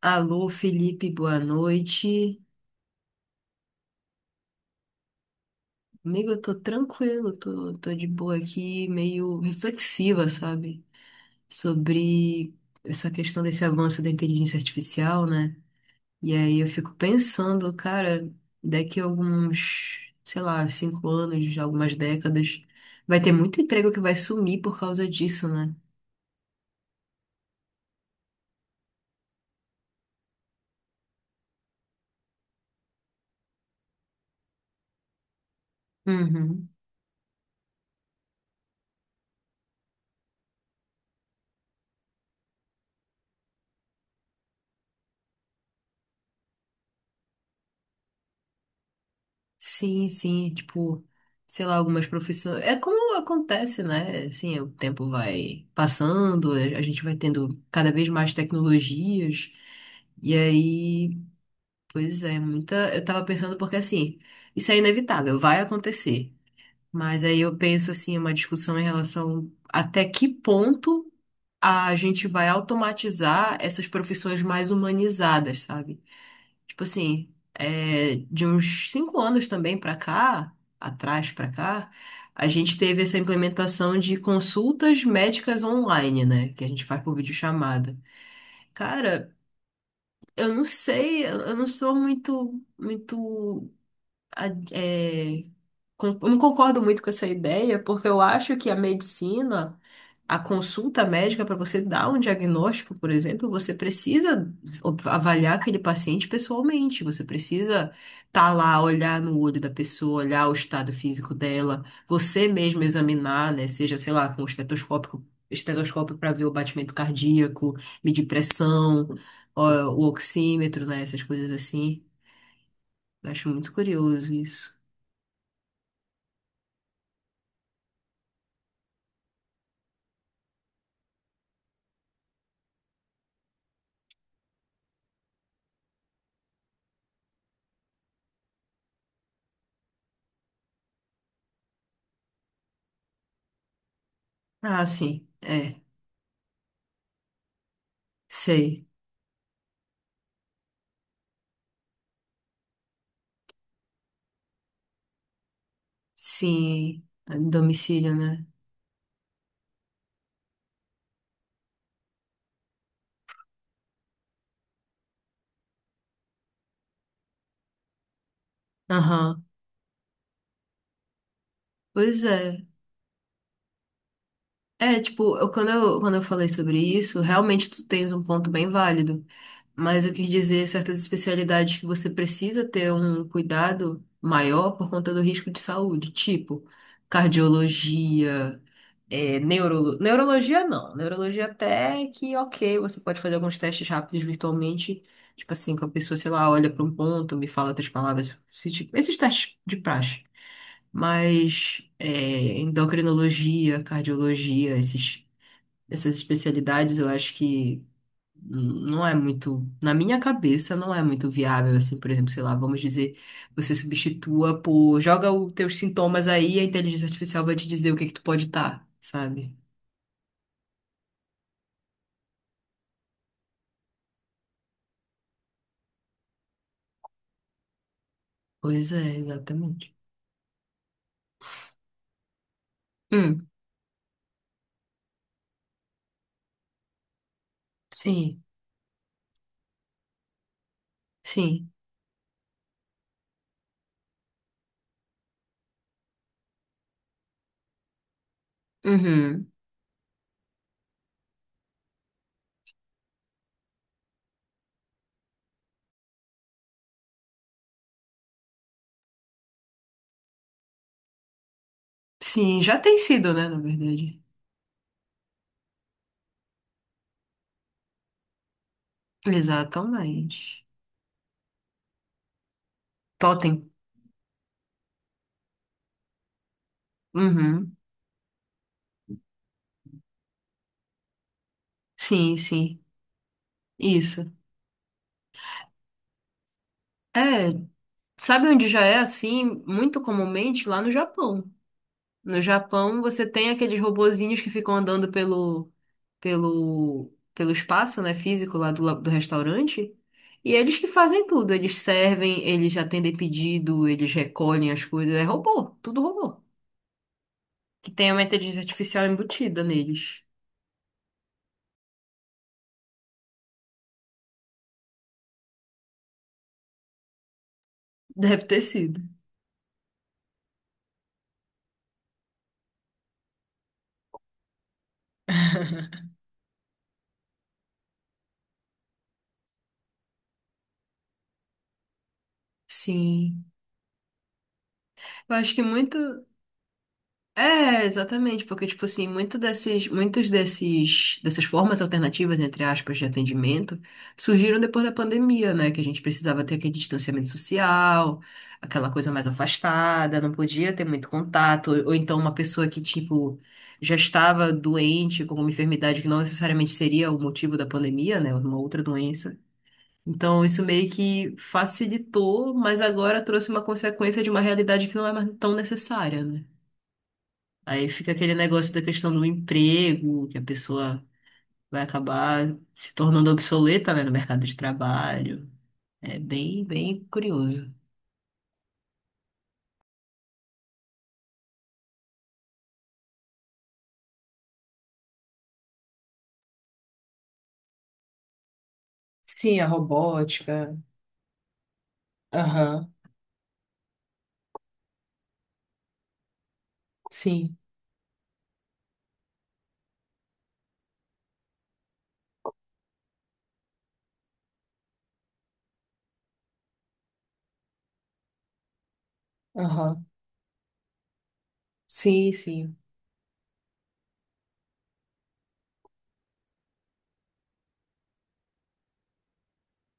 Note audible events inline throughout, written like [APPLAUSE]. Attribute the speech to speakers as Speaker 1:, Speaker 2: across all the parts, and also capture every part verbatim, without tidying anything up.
Speaker 1: Alô, Felipe, boa noite. Amigo, eu tô tranquilo, tô, tô de boa aqui, meio reflexiva, sabe? Sobre essa questão desse avanço da inteligência artificial, né? E aí eu fico pensando, cara, daqui a alguns, sei lá, cinco anos, algumas décadas, vai ter muito emprego que vai sumir por causa disso, né? Uhum. Sim, sim, tipo, sei lá, algumas profissões. É como acontece, né? Assim, o tempo vai passando, a a gente vai tendo cada vez mais tecnologias. E aí, pois é, muita. Eu tava pensando porque assim, isso é inevitável, vai acontecer. Mas aí eu penso assim, uma discussão em relação até que ponto a gente vai automatizar essas profissões mais humanizadas, sabe? Tipo assim, é, de uns cinco anos também pra cá, atrás pra cá, a gente teve essa implementação de consultas médicas online, né? Que a gente faz por videochamada. Cara, eu não sei, eu eu não sou muito, muito a- é, con- eu não concordo muito com essa ideia, porque eu acho que a medicina, a consulta médica para você dar um diagnóstico, por exemplo, você precisa ob- avaliar aquele paciente pessoalmente, você precisa estar lá, olhar no olho da pessoa, olhar o estado físico dela, você mesmo examinar, né, seja, sei lá, com o estetoscópio, estetoscópio para ver o batimento cardíaco, medir pressão, ó, o oxímetro, né, essas coisas assim. Eu acho muito curioso isso. Ah, sim. É. Sei. Sim. É, domicílio, né? Aham. Pois é. É, tipo, eu- quando eu, quando eu falei sobre isso, realmente tu tens um ponto bem válido. Mas eu quis dizer certas especialidades que você precisa ter um cuidado maior por conta do risco de saúde, tipo cardiologia. É, neuro... neurologia não. Neurologia até que ok, você pode fazer alguns testes rápidos virtualmente. Tipo assim, que a pessoa, sei lá, olha para um ponto, me fala três palavras. Esse tipo- esses testes de praxe. Mas é, endocrinologia, cardiologia, esses, essas especialidades, eu acho que n- não é muito, na minha cabeça, não é muito viável, assim, por exemplo, sei lá, vamos dizer, você substitua por, joga os teus sintomas aí, a inteligência artificial vai te dizer o que que tu pode estar, sabe? Pois é, exatamente. Hum, sim, sim. Uhum. Sim, já tem sido, né, na verdade. Exatamente. Totem. Uhum. Sim, sim. Isso. É, sabe onde já é assim, muito comumente? Lá no Japão. No Japão, você tem aqueles robozinhos que ficam andando pelo, pelo, pelo espaço, né, físico lá do, la- do restaurante. E eles que fazem tudo. Eles servem, eles atendem pedido, eles recolhem as coisas. É robô, tudo robô. Que tem uma inteligência artificial embutida neles. Deve ter sido. Sim. Eu acho que muito. É, exatamente, porque, tipo assim, muito desses, muitos desses, dessas formas alternativas, entre aspas, de atendimento, surgiram depois da pandemia, né? Que a gente precisava ter aquele distanciamento social, aquela coisa mais afastada, não podia ter muito contato, ou então uma pessoa que, tipo, já estava doente com uma enfermidade que não necessariamente seria o motivo da pandemia, né? Uma outra doença. Então, isso meio que facilitou, mas agora trouxe uma consequência de uma realidade que não é mais tão necessária, né? Aí fica aquele negócio da questão do emprego, que a pessoa vai acabar se tornando obsoleta, né, no mercado de trabalho. É bem, bem curioso. Sim, a robótica. Aham. Sim. Aham. Sim, sim.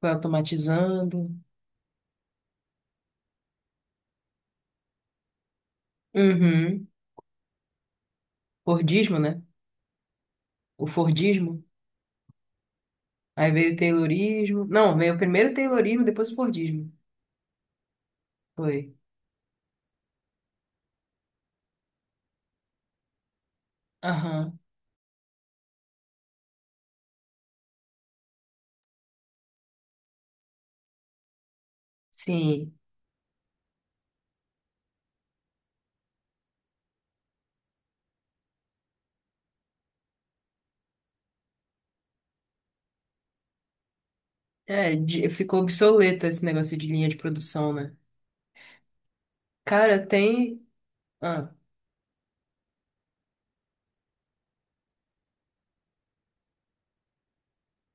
Speaker 1: Foi automatizando. Uhum. Fordismo, né? O Fordismo. Aí veio o Taylorismo. Não, veio primeiro o Taylorismo, depois o Fordismo. Foi. Aham, sim. É, de- ficou obsoleto esse negócio de linha de produção, né? Cara, tem. Ah,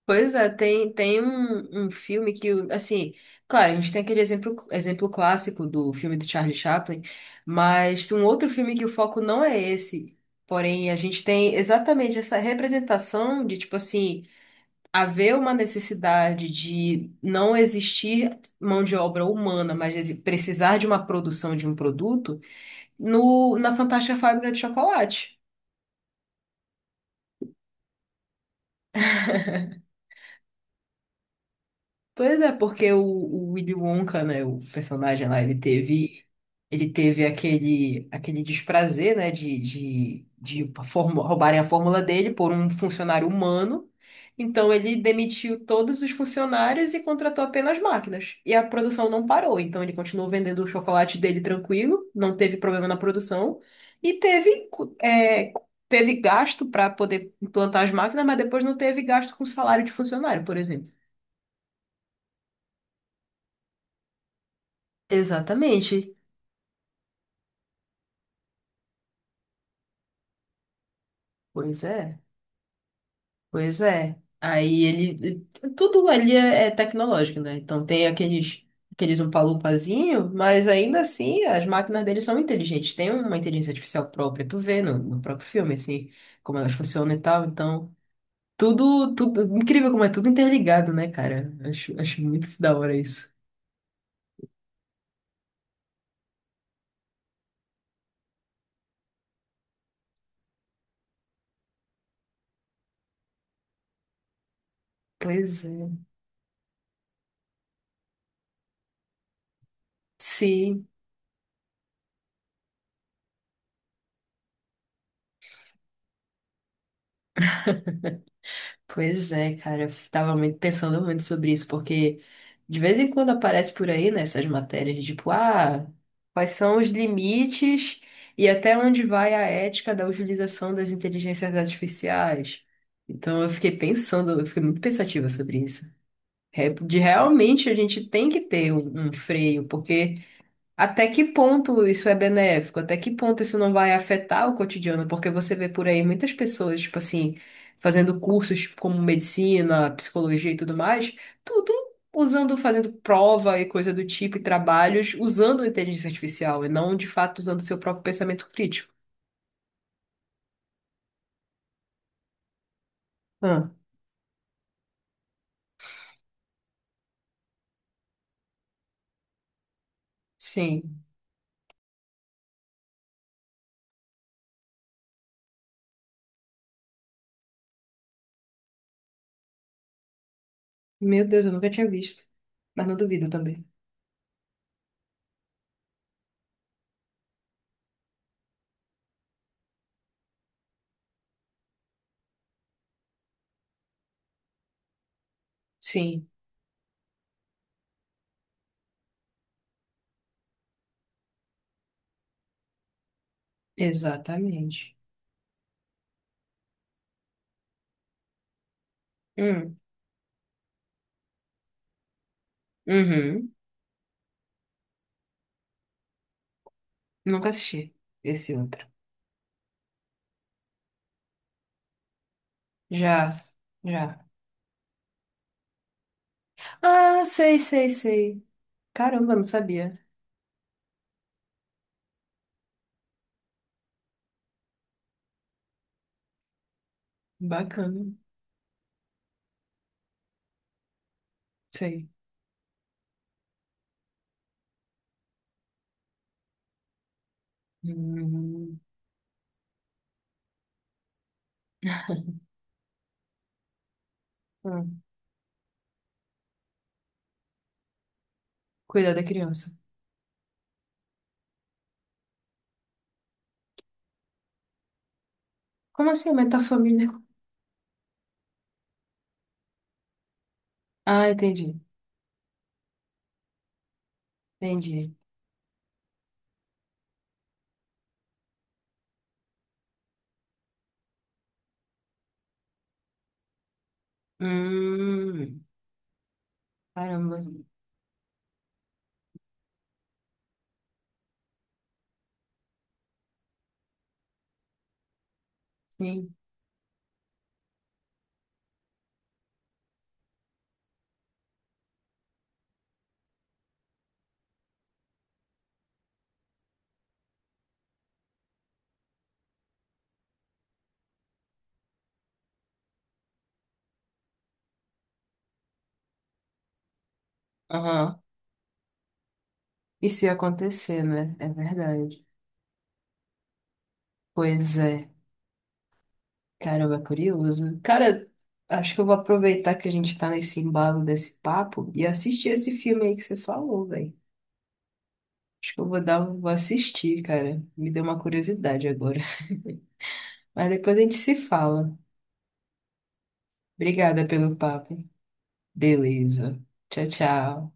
Speaker 1: pois é, tem, tem um, um filme que, assim, claro, a gente tem aquele exemplo, exemplo clássico do filme do Charlie Chaplin, mas tem um outro filme que o foco não é esse. Porém, a gente tem exatamente essa representação de, tipo assim, haver uma necessidade de não existir mão de obra humana, mas exi- precisar de uma produção de um produto. No, na Fantástica Fábrica de Chocolate. Pois é, porque o, o Willy Wonka, né, o personagem lá, ele teve, ele teve aquele, aquele desprazer, né, de, de, de formu- roubarem a fórmula dele por um funcionário humano. Então ele demitiu todos os funcionários e contratou apenas máquinas. E a produção não parou, então ele continuou vendendo o chocolate dele tranquilo, não teve problema na produção e teve, cu- é, teve gasto para poder implantar as máquinas, mas depois não teve gasto com salário de funcionário, por exemplo. Exatamente. Pois é, pois é. Aí ele. Tudo ali é, é tecnológico, né? Então tem aqueles, aqueles umpalumpazinho, mas ainda assim as máquinas deles são inteligentes. Tem uma inteligência artificial própria, tu vê no, no próprio filme, assim, como elas funcionam e tal. Então, tudo, tudo. Incrível como é tudo interligado, né, cara? Acho, acho muito da hora isso. Pois é. Sim. Pois é, cara, eu tava muito pensando muito sobre isso, porque de vez em quando aparece por aí nessas matérias, de tipo, ah, quais são os limites e até onde vai a ética da utilização das inteligências artificiais. Então eu fiquei pensando, eu fiquei muito pensativa sobre isso. É, de realmente a gente tem que ter um, um freio, porque até que ponto isso é benéfico? Até que ponto isso não vai afetar o cotidiano? Porque você vê por aí muitas pessoas, tipo assim, fazendo cursos tipo, como medicina, psicologia e tudo mais, tudo usando, fazendo prova e coisa do tipo, e trabalhos usando a inteligência artificial e não de fato usando seu próprio pensamento crítico. Ah, sim. Meu Deus, eu nunca tinha visto. Mas não duvido também. Sim, exatamente. Hum, uhum. Nunca assisti esse outro. Já, já. Ah, sei, sei, sei. Caramba, não sabia. Bacana. Sei. Hum, hum, hum. Cuidar da criança. Como assim aumentar a família? [LAUGHS] Ah, entendi. Entendi. Hum, caramba. Sim. Aham. Isso ia acontecer, né? É verdade. Pois é. Caramba, é curioso. Cara, acho que eu vou aproveitar que a gente tá nesse embalo desse papo e assistir esse filme aí que você falou, velho. Acho que eu vou dar, um, vou assistir, cara. Me deu uma curiosidade agora. Mas depois a gente se fala. Obrigada pelo papo. Beleza. Tchau, tchau.